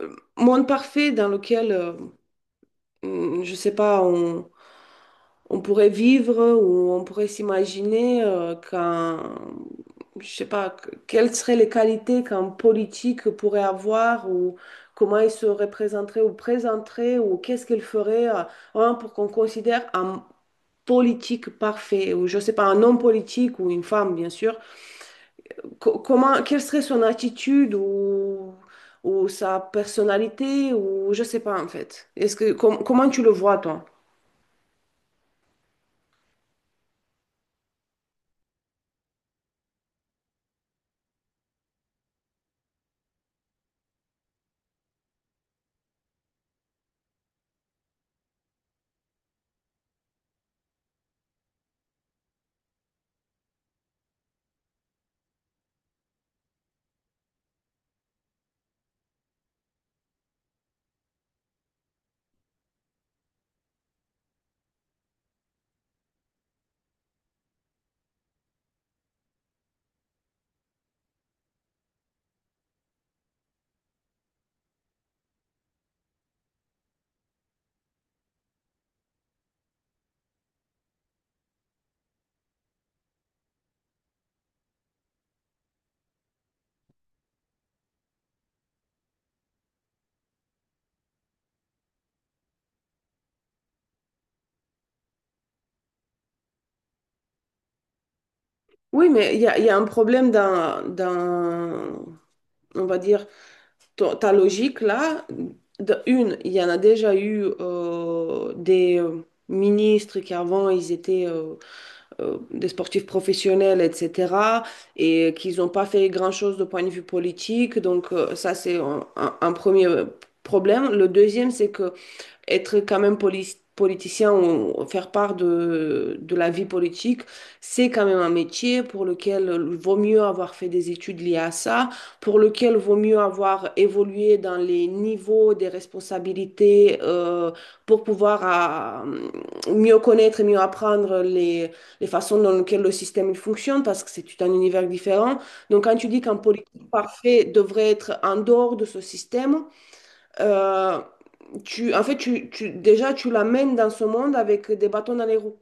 Monde parfait dans lequel, je sais pas, on pourrait vivre ou on pourrait s'imaginer qu'un, je sais pas, quelles seraient les qualités qu'un politique pourrait avoir ou comment il se représenterait ou présenterait ou qu'est-ce qu'il ferait vraiment pour qu'on considère un politique parfait ou je sais pas, un homme politique ou une femme, bien sûr, comment, quelle serait son attitude ou sa personnalité ou je sais pas en fait. Est-ce que, comment tu le vois, toi? Oui, mais il y a un problème dans, on va dire, ta logique là. De une, il y en a déjà eu des ministres qui avant, ils étaient des sportifs professionnels, etc., et qu'ils n'ont pas fait grand-chose de point de vue politique. Donc ça, c'est un premier problème. Le deuxième, c'est que être quand même politicien ou faire part de la vie politique, c'est quand même un métier pour lequel il vaut mieux avoir fait des études liées à ça, pour lequel il vaut mieux avoir évolué dans les niveaux des responsabilités pour pouvoir à, mieux connaître et mieux apprendre les façons dans lesquelles le système il fonctionne, parce que c'est tout un univers différent. Donc quand tu dis qu'un politique parfait devrait être en dehors de ce système, euh, en fait, déjà, tu l'amènes dans ce monde avec des bâtons dans les roues.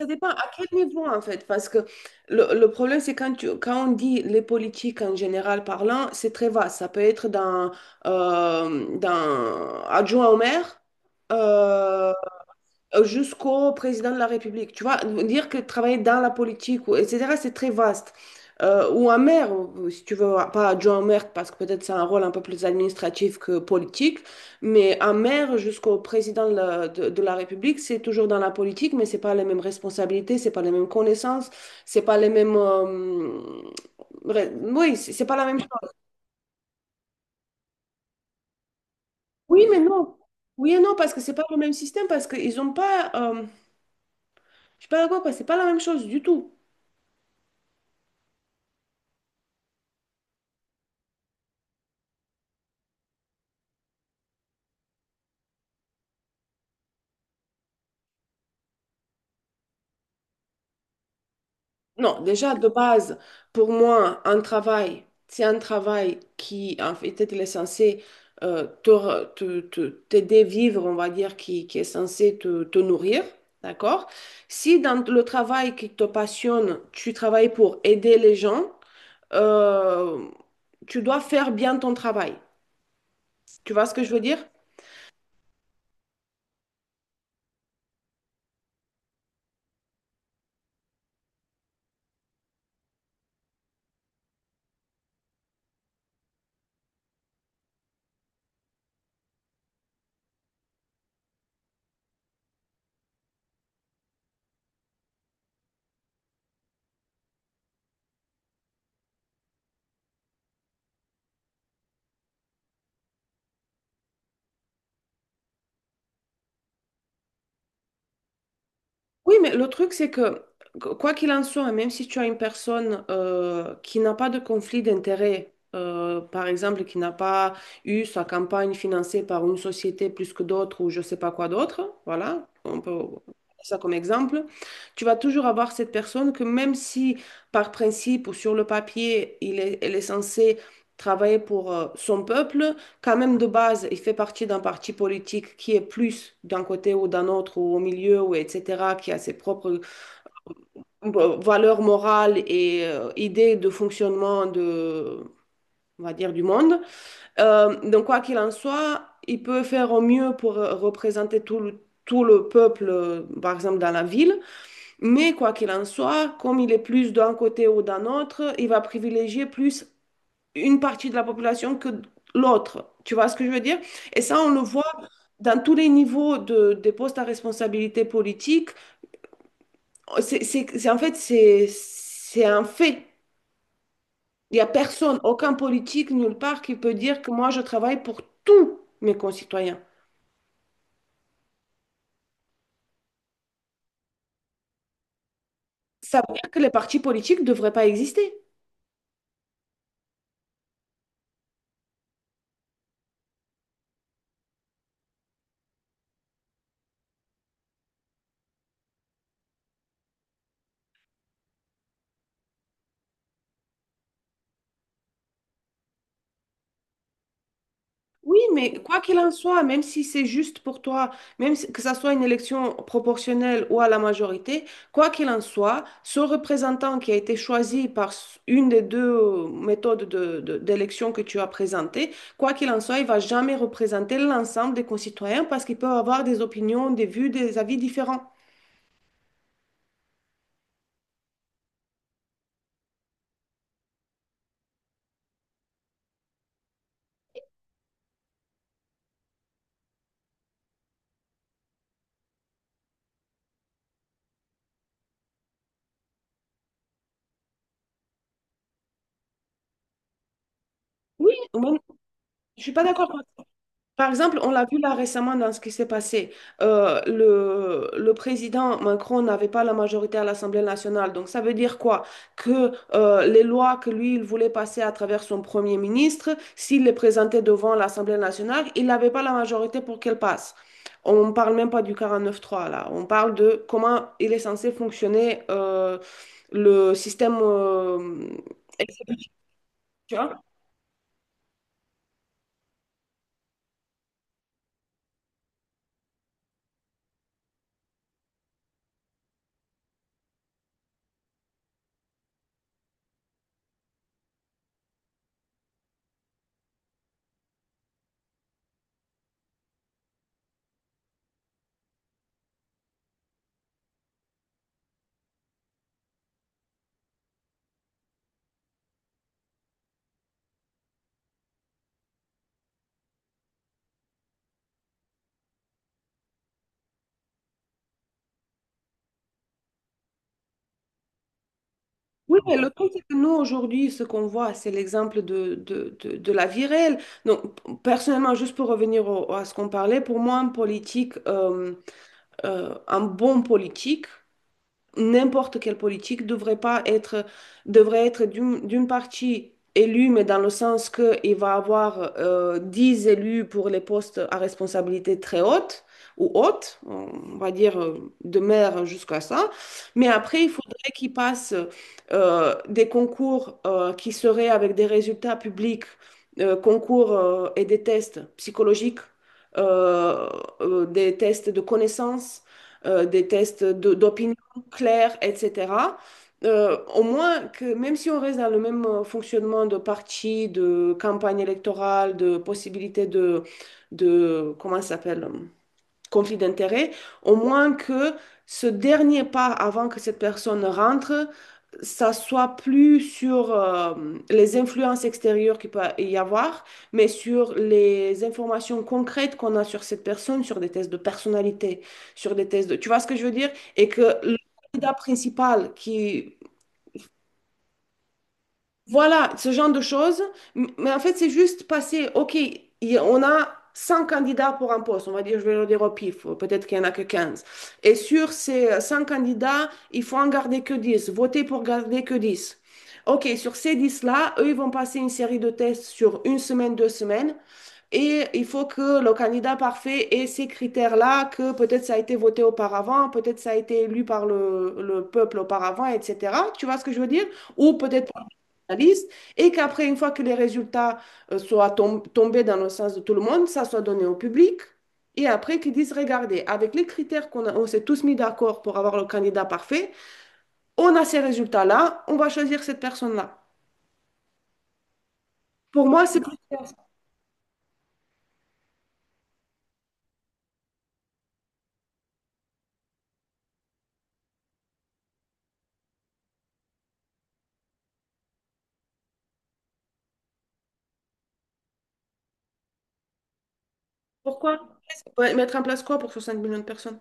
Ça dépend à quel niveau, en fait, parce que le problème, c'est quand on dit les politiques en général parlant, c'est très vaste. Ça peut être d'un adjoint au maire, euh, jusqu'au président de la République. Tu vois, dire que travailler dans la politique, ou, etc., c'est très vaste. Ou un maire, si tu veux, pas adjoint au maire, parce que peut-être c'est un rôle un peu plus administratif que politique, mais un maire jusqu'au président de de la République, c'est toujours dans la politique, mais c'est pas les mêmes responsabilités, c'est pas les mêmes connaissances, c'est pas les mêmes... oui, c'est pas la même chose. Oui, mais non. Oui et non, parce que c'est pas le même système, parce qu'ils ont pas... je sais pas quoi, quoi, c'est pas la même chose du tout. Non, déjà de base, pour moi, un travail, c'est un travail qui, en fait, il est censé te re- te- te- t'aider à vivre, on va dire, qui est censé te nourrir, d'accord? Si dans le travail qui te passionne, tu travailles pour aider les gens, euh, tu dois faire bien ton travail. Tu vois ce que je veux dire? Oui, mais le truc, c'est que, quoi qu'il en soit, même si tu as une personne qui n'a pas de conflit d'intérêt, par exemple, qui n'a pas eu sa campagne financée par une société plus que d'autres ou je sais pas quoi d'autre, voilà, on peut prendre ça comme exemple, tu vas toujours avoir cette personne que même si par principe ou sur le papier, elle est censée travailler pour son peuple, quand même de base, il fait partie d'un parti politique qui est plus d'un côté ou d'un autre ou au milieu ou etc., qui a ses propres valeurs morales et idées de fonctionnement on va dire, du monde. Donc quoi qu'il en soit, il peut faire au mieux pour représenter tout le peuple, par exemple, dans la ville. Mais quoi qu'il en soit, comme il est plus d'un côté ou d'un autre, il va privilégier plus une partie de la population que l'autre. Tu vois ce que je veux dire? Et ça, on le voit dans tous les niveaux des postes à responsabilité politique. En fait, c'est un fait. Il n'y a personne, aucun politique, nulle part, qui peut dire que moi, je travaille pour tous mes concitoyens. Ça veut dire que les partis politiques ne devraient pas exister. Oui, mais quoi qu'il en soit, même si c'est juste pour toi, même si- que ça soit une élection proportionnelle ou à la majorité, quoi qu'il en soit, ce représentant qui a été choisi par une des deux méthodes d'élection que tu as présentées, quoi qu'il en soit, il va jamais représenter l'ensemble des concitoyens parce qu'ils peuvent avoir des opinions, des vues, des avis différents. Oui, moi, je suis pas d'accord. Par exemple, on l'a vu là récemment dans ce qui s'est passé. Le président Macron n'avait pas la majorité à l'Assemblée nationale. Donc ça veut dire quoi? Que les lois que lui, il voulait passer à travers son premier ministre, s'il les présentait devant l'Assemblée nationale, il n'avait pas la majorité pour qu'elles passent. On ne parle même pas du 49.3 là. On parle de comment il est censé fonctionner le système. Oui, mais le truc, c'est que nous, aujourd'hui, ce qu'on voit, c'est l'exemple de la vie réelle. Donc, personnellement, juste pour revenir à ce qu'on parlait, pour moi, un politique, un bon politique, n'importe quelle politique devrait pas être, devrait être d'une partie élue, mais dans le sens qu'il va avoir 10 élus pour les postes à responsabilité très haute ou haute, on va dire de maire jusqu'à ça. Mais après, il faudrait qu'ils passent des concours qui seraient avec des résultats publics, concours et des tests psychologiques, euh, des tests de connaissances, des tests d'opinion clair, etc. Au moins que même si on reste dans le même fonctionnement de parti, de campagne électorale, de possibilité de comment ça s'appelle? Conflit d'intérêts, au moins que ce dernier pas avant que cette personne rentre, ça soit plus sur les influences extérieures qu'il peut y avoir, mais sur les informations concrètes qu'on a sur cette personne, sur des tests de personnalité, sur des tests de... Tu vois ce que je veux dire? Et que le candidat principal qui voilà, ce genre de choses. Mais en fait, c'est juste passer, OK, on a 100 candidats pour un poste, on va dire, je vais le dire au pif, peut-être qu'il n'y en a que 15. Et sur ces 100 candidats, il faut en garder que 10, voter pour garder que 10. OK, sur ces 10 là eux, ils vont passer une série de tests sur une semaine, 2 semaines, et il faut que le candidat parfait ait ces critères-là, que peut-être ça a été voté auparavant, peut-être ça a été élu par le peuple auparavant, etc. Tu vois ce que je veux dire? Ou peut-être liste et qu'après, une fois que les résultats soient tombés dans le sens de tout le monde, ça soit donné au public. Et après, qu'ils disent, regardez, avec les critères on s'est tous mis d'accord pour avoir le candidat parfait, on a ces résultats-là, on va choisir cette personne-là. Pour moi, pourquoi? Ouais, mettre en place quoi pour 60 millions de personnes?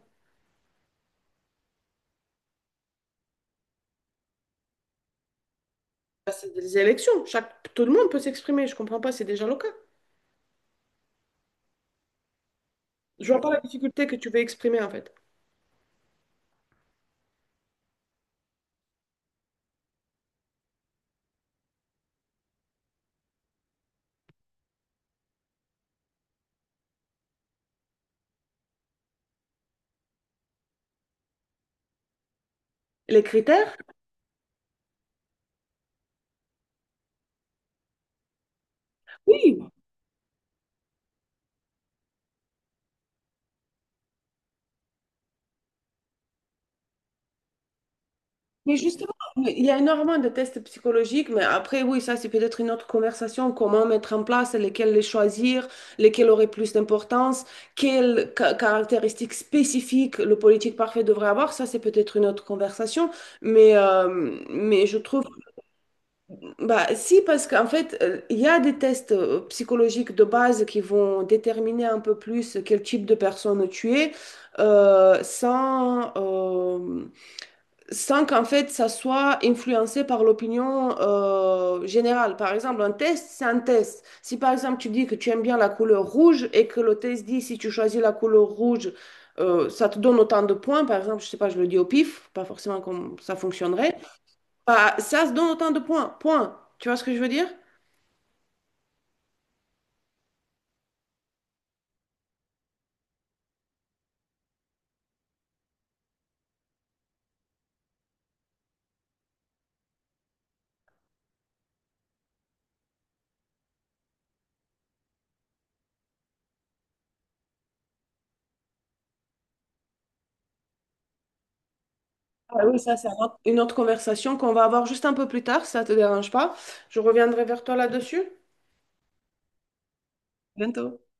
Bah, c'est des élections. Chaque... Tout le monde peut s'exprimer. Je comprends pas, c'est déjà le cas. Je vois pas la difficulté que tu veux exprimer en fait. Les critères? Oui, mais justement, il y a énormément de tests psychologiques, mais après, oui, ça, c'est peut-être une autre conversation. Comment mettre en place, lesquels les choisir, lesquels auraient plus d'importance, quelles caractéristiques spécifiques le politique parfait devrait avoir, ça, c'est peut-être une autre conversation. Mais je trouve, bah, si, parce qu'en fait, il y a des tests psychologiques de base qui vont déterminer un peu plus quel type de personne tu es, euh, sans. euh, sans qu'en fait ça soit influencé par l'opinion générale. Par exemple, un test, c'est un test. Si par exemple tu dis que tu aimes bien la couleur rouge et que le test dit si tu choisis la couleur rouge, ça te donne autant de points, par exemple, je sais pas, je le dis au pif, pas forcément comme ça fonctionnerait, bah, ça se donne autant de points, point. Tu vois ce que je veux dire? Ah oui, ça, c'est une autre conversation qu'on va avoir juste un peu plus tard, si ça te dérange pas. Je reviendrai vers toi là-dessus. Bientôt.